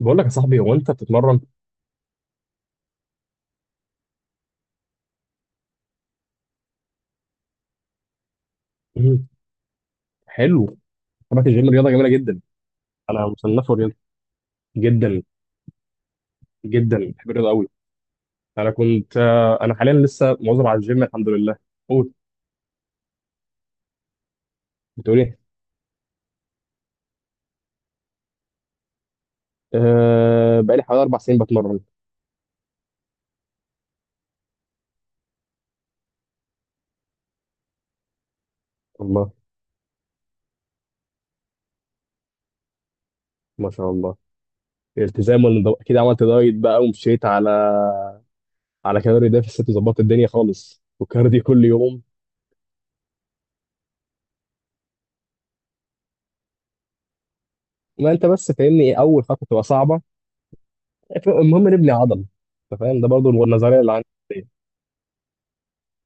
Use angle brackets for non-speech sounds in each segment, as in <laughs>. بقول لك يا صاحبي هو انت بتتمرن؟ مم. حلو. طبعا الجيم رياضه جميله جدا. انا مصنفه رياضه جدا، جدا بحب الرياضه قوي. انا كنت آه، انا حاليا لسه مواظب على الجيم الحمد لله. قول. بتقول ايه؟ أه بقالي حوالي اربع سنين بتمرن. الله، ما شاء الله. التزام والنظام، اكيد عملت دايت بقى ومشيت على على كالوري ديفيسيت وظبطت الدنيا خالص، وكارديو كل يوم. ما انت بس فاهمني ايه، اول خطوه تبقى صعبه. المهم نبني عضل. انت فاهم ده برضو، النظريه اللي عندي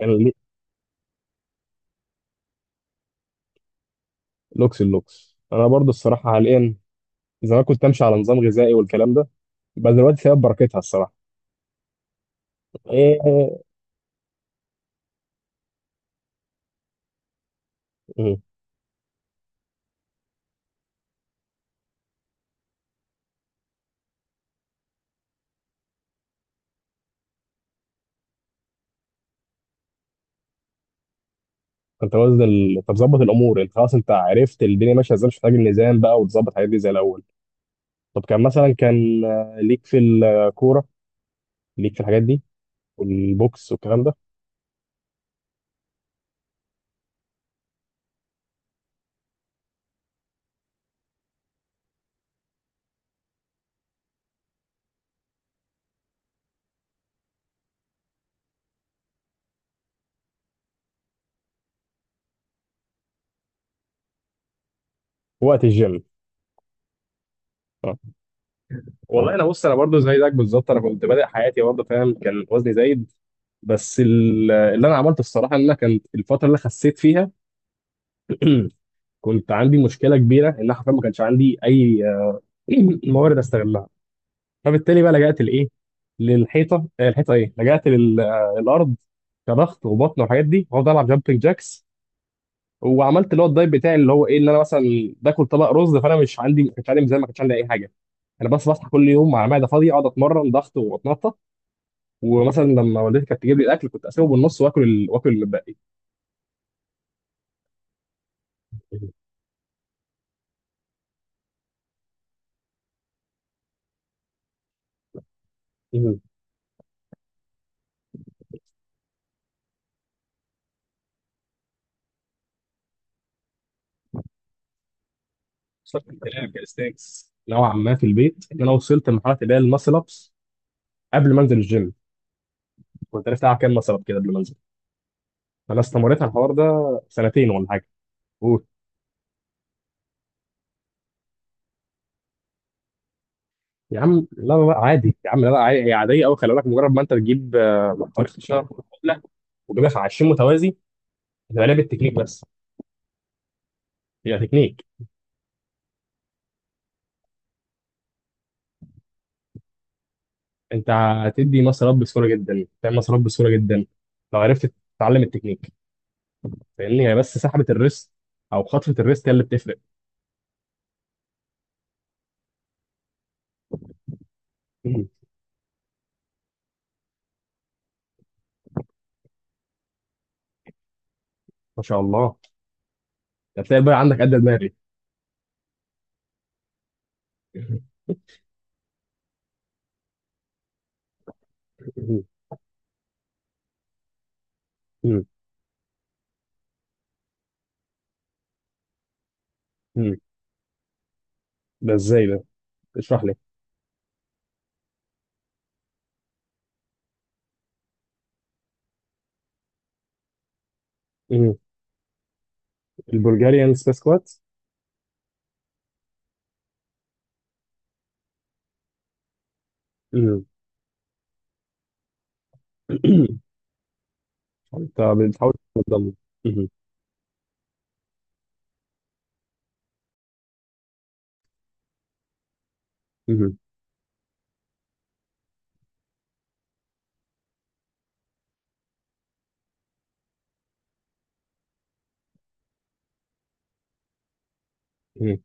يعني. لوكس اللوكس انا برضو الصراحه حاليا. زمان كنت امشي على نظام غذائي والكلام ده، بس دلوقتي سبب بركتها الصراحه. ايه. مم. انت وزن ال... طب ظبط الامور، انت خلاص انت عرفت الدنيا ماشيه ازاي، مش محتاج الميزان بقى وتظبط الحاجات دي زي الاول. طب كان مثلا كان آه، ليك في الكوره، ليك في الحاجات دي والبوكس والكلام ده؟ وقت الجيم. آه. والله انا بص، انا برضو زي زيك بالظبط. انا كنت بادئ حياتي برضه فاهم، كان وزني زايد. بس اللي انا عملته الصراحه ان انا، كانت الفتره اللي أنا خسيت فيها <clears throat> كنت عندي مشكله كبيره ان انا حرفيا ما كانش عندي اي <clears throat> موارد استغلها. فبالتالي بقى لجأت لايه؟ للحيطه، الحيطه ايه، لجأت للارض كضغط وبطن والحاجات دي، وافضل العب جامبنج جاكس. وعملت اللي هو الدايت بتاعي اللي هو ايه، ان انا مثلا باكل طبق رز، فانا مش عندي، ما كانش عندي ميزان، ما كانش عندي اي حاجه. انا بس بصحى كل يوم مع معده فاضيه اقعد اتمرن ضغط واتنطط. ومثلا لما والدتي كانت تجيب لي الاكل كنت اسيبه بالنص واكل الباقي. صرت الكلام كاستاكس نوعا ما في البيت، ان انا وصلت لمرحله اللي هي الماسل ابس قبل ما انزل الجيم. كنت عرفت العب كام مثلا كده قبل ما انزل، فانا استمريت على الحوار ده سنتين ولا حاجه. قول. يا عم لا لا لا، عادي يا عم، لا لا عادي، هي عاديه قوي. خلي بالك، مجرد ما انت تجيب حوالي 16 عقله وتجيبها 20 متوازي، هتبقى لعبه تكنيك بس، هي تكنيك. انت هتدي مسارات بسهوله جدا، تعمل مسارات بسهوله جدا لو عرفت تتعلم التكنيك. فاهمني، هي بس سحبه الريست او خطفه الريست هي اللي بتفرق. مم. ما شاء الله. هتلاقي بقى عندك قد دماغي. <laughs> مم. مم. مم. ده ازاي ده؟ اشرح لي. البلغاريان سبيس كوات. مم. <clears throat> انت بتحاول تنضم. مم. مم. مم.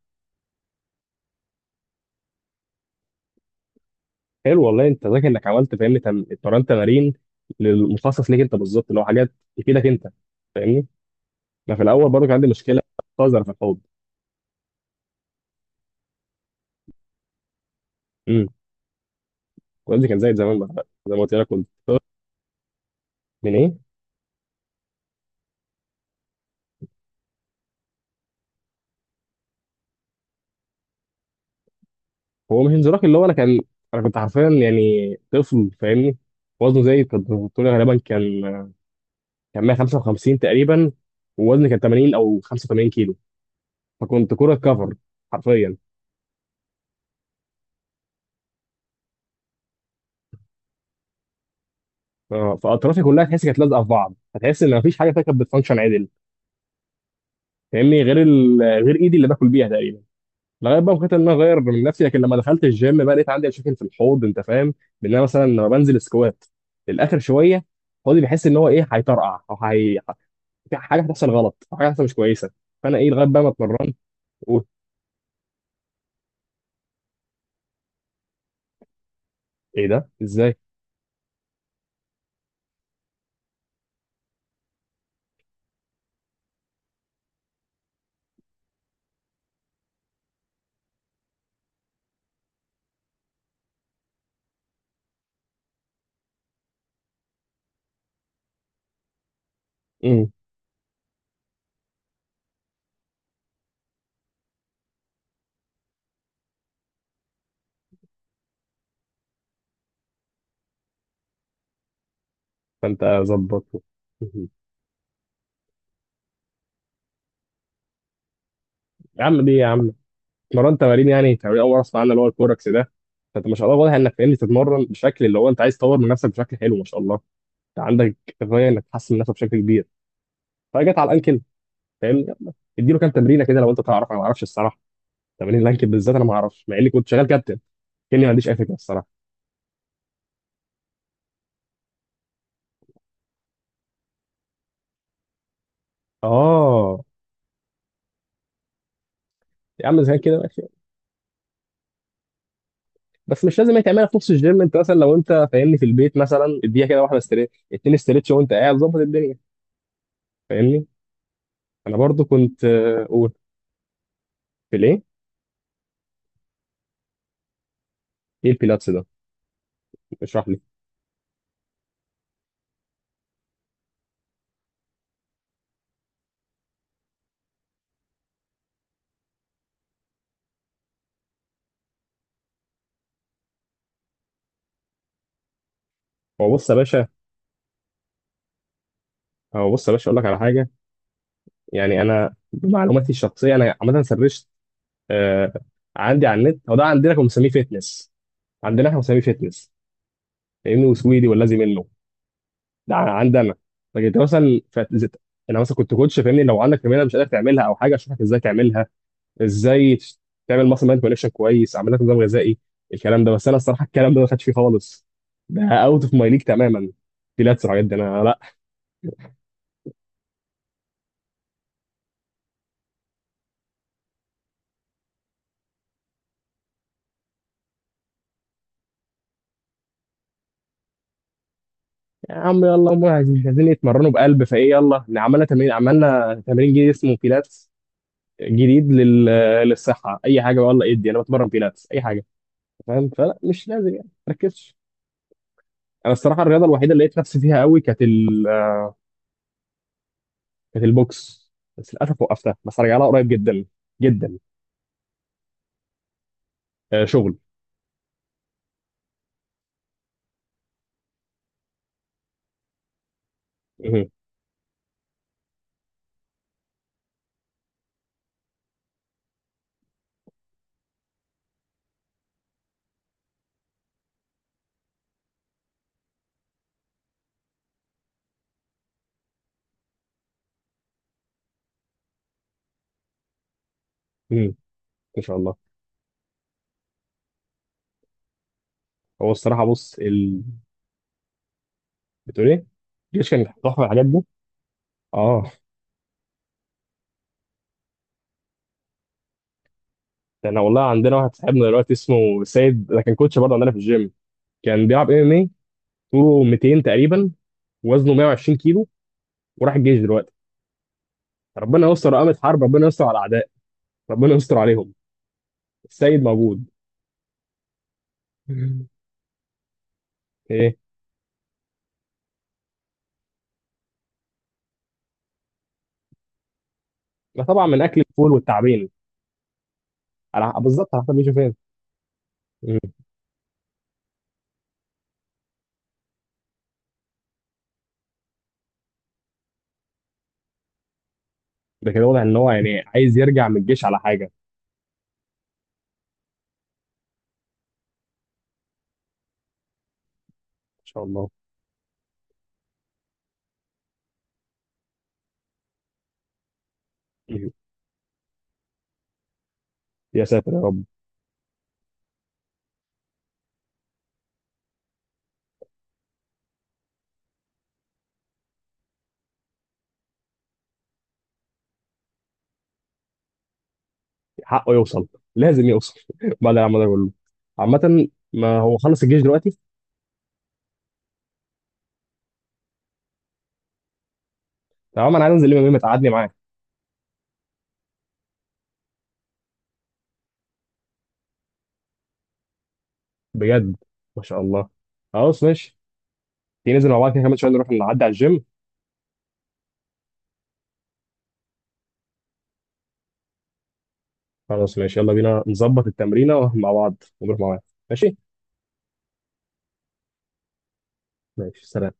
حلو والله. انت ذكي انك عملت فاهمني اتمرنت تمارين للمخصص ليك انت بالظبط، اللي هو حاجات تفيدك انت فاهمني. انا في الاول برضه كان عندي مشكله قذره في الحوض. امم. والدي كان زي زمان بقى، زي ما قلت لك كنت. من ايه؟ هو مش انزلاق، اللي هو انا كان، انا كنت حرفيا يعني طفل فاهمني. وزنه زي كنت بتقول غالبا كان 155 تقريبا، ووزني كان 80 او 85 كيلو. فكنت كرة كفر حرفيا. اه، فاطرافي كلها تحس كانت لازقه في بعض، فتحس ان مفيش حاجه فيها كانت بتفانكشن عدل فاهمني، غير ال... غير ايدي اللي باكل بيها تقريبا. لغايه بقى ما قررت ان انا اغير من نفسي. لكن لما دخلت الجيم بقى لقيت عندي مشاكل في الحوض انت فاهم، بان انا مثلا لما بنزل سكوات للاخر شويه، حوضي بيحس ان هو ايه، هيطرقع او هي في حاجه هتحصل غلط، او حاجه هتحصل مش كويسه. فانا ايه، لغايه بقى ما اتمرنت. قلت. ايه ده ازاي؟ امم. فانت ظبط. <laughs> يا عم ليه يا عم، اتمرنت تمارين يعني، تمارين اول اصلا عندنا اللي هو الكوركس ده. فانت ما شاء الله واضح انك فاهمني تتمرن بشكل اللي هو انت عايز تطور من نفسك بشكل حلو، ما شاء الله. انت عندك غايه انك تحسن من نفسك بشكل كبير، فجت على الانكل. فاهمني، يلا اديله كام تمرينه كده لو انت تعرف، انا ما اعرفش الصراحه تمارين الانكل بالذات. انا ما اعرفش مع اني كنت شغال كابتن، كاني ما عنديش اي فكره الصراحه. اه. يا عم زي كده ماشي. بس مش لازم هي تعملها في نص الجيم، انت مثلا لو انت فاهمني في البيت مثلا اديها كده، واحده استريتش اتنين استريتش وانت قاعد، ظبط الدنيا فاهمني. انا برضو كنت اقول. في الايه؟ ايه البيلاتس ده؟ اشرح لي. هو بص يا باشا، هو بص يا باشا اقول لك على حاجه. يعني انا بمعلوماتي الشخصيه انا عامه سرشت آه عندي على النت، هو ده عندنا كنا بنسميه فيتنس، عندنا احنا بنسميه فيتنس، لانه سويدي والذي منه. ده عندي انا. لكن انت مثلا انا مثلا كنت كوتش فاهمني، لو عندك تمرينه مش قادر تعملها او حاجه اشوفك ازاي تعملها، ازاي تعمل مثلا مايند كونكشن كويس، اعمل لك نظام غذائي الكلام ده. بس انا الصراحه الكلام ده ما خدش فيه خالص. ده اوت اوف ماي ليج تماما، بيلاتس والحاجات دي انا لا. يا عم يلا، هم عايزين عايزين يتمرنوا بقلب فايه، يلا إن عملنا تمرين عملنا تمرين جديد اسمه بيلاتس جديد لل... للصحه اي حاجه والله، ادي انا بتمرن بيلاتس اي حاجه فاهم، فلا مش لازم يعني، ما تركزش. انا الصراحه الرياضه الوحيده اللي لقيت نفسي فيها قوي كانت ال... كانت البوكس، بس للاسف وقفتها، بس هرجع لها قريب جدا جدا. آه شغل. مهم. مهم. ان شاء الله. هو الصراحه بص ال... بتقول ايه؟ الجيش كان تحفه الحاجات دي. اه. ده انا والله عندنا واحد صاحبنا دلوقتي اسمه سيد، ده كان كوتش برضه عندنا في الجيم، كان بيلعب ام ام إيه؟ طوله 200 تقريبا، وزنه 120 كيلو، وراح الجيش دلوقتي. ربنا يستر، قامت حرب ربنا يستر على الاعداء، ربنا يستر عليهم، السيد موجود. مم. ايه. ده طبعا من اكل الفول والتعبين. على بالظبط، على حسب ميشو فين. مم. ده كده واضح ان هو يعني عايز يرجع من الجيش على حاجه. ان شاء الله. مم. يا ساتر يا رب، حقه يوصل، لازم يوصل. <laughs> بعد اللي عمله ده كله. عامه ما هو خلص الجيش دلوقتي. تمام انا عايز انزل لما ما تقعدني معاك. بجد؟ ما شاء الله. خلاص ماشي. تيجي ننزل مع بعض كده كمان شويه، نروح نعدي على الجيم. خلاص ماشي، يلا بينا نظبط التمرينة مع بعض ونروح مع بعض. ماشي. ماشي سلام.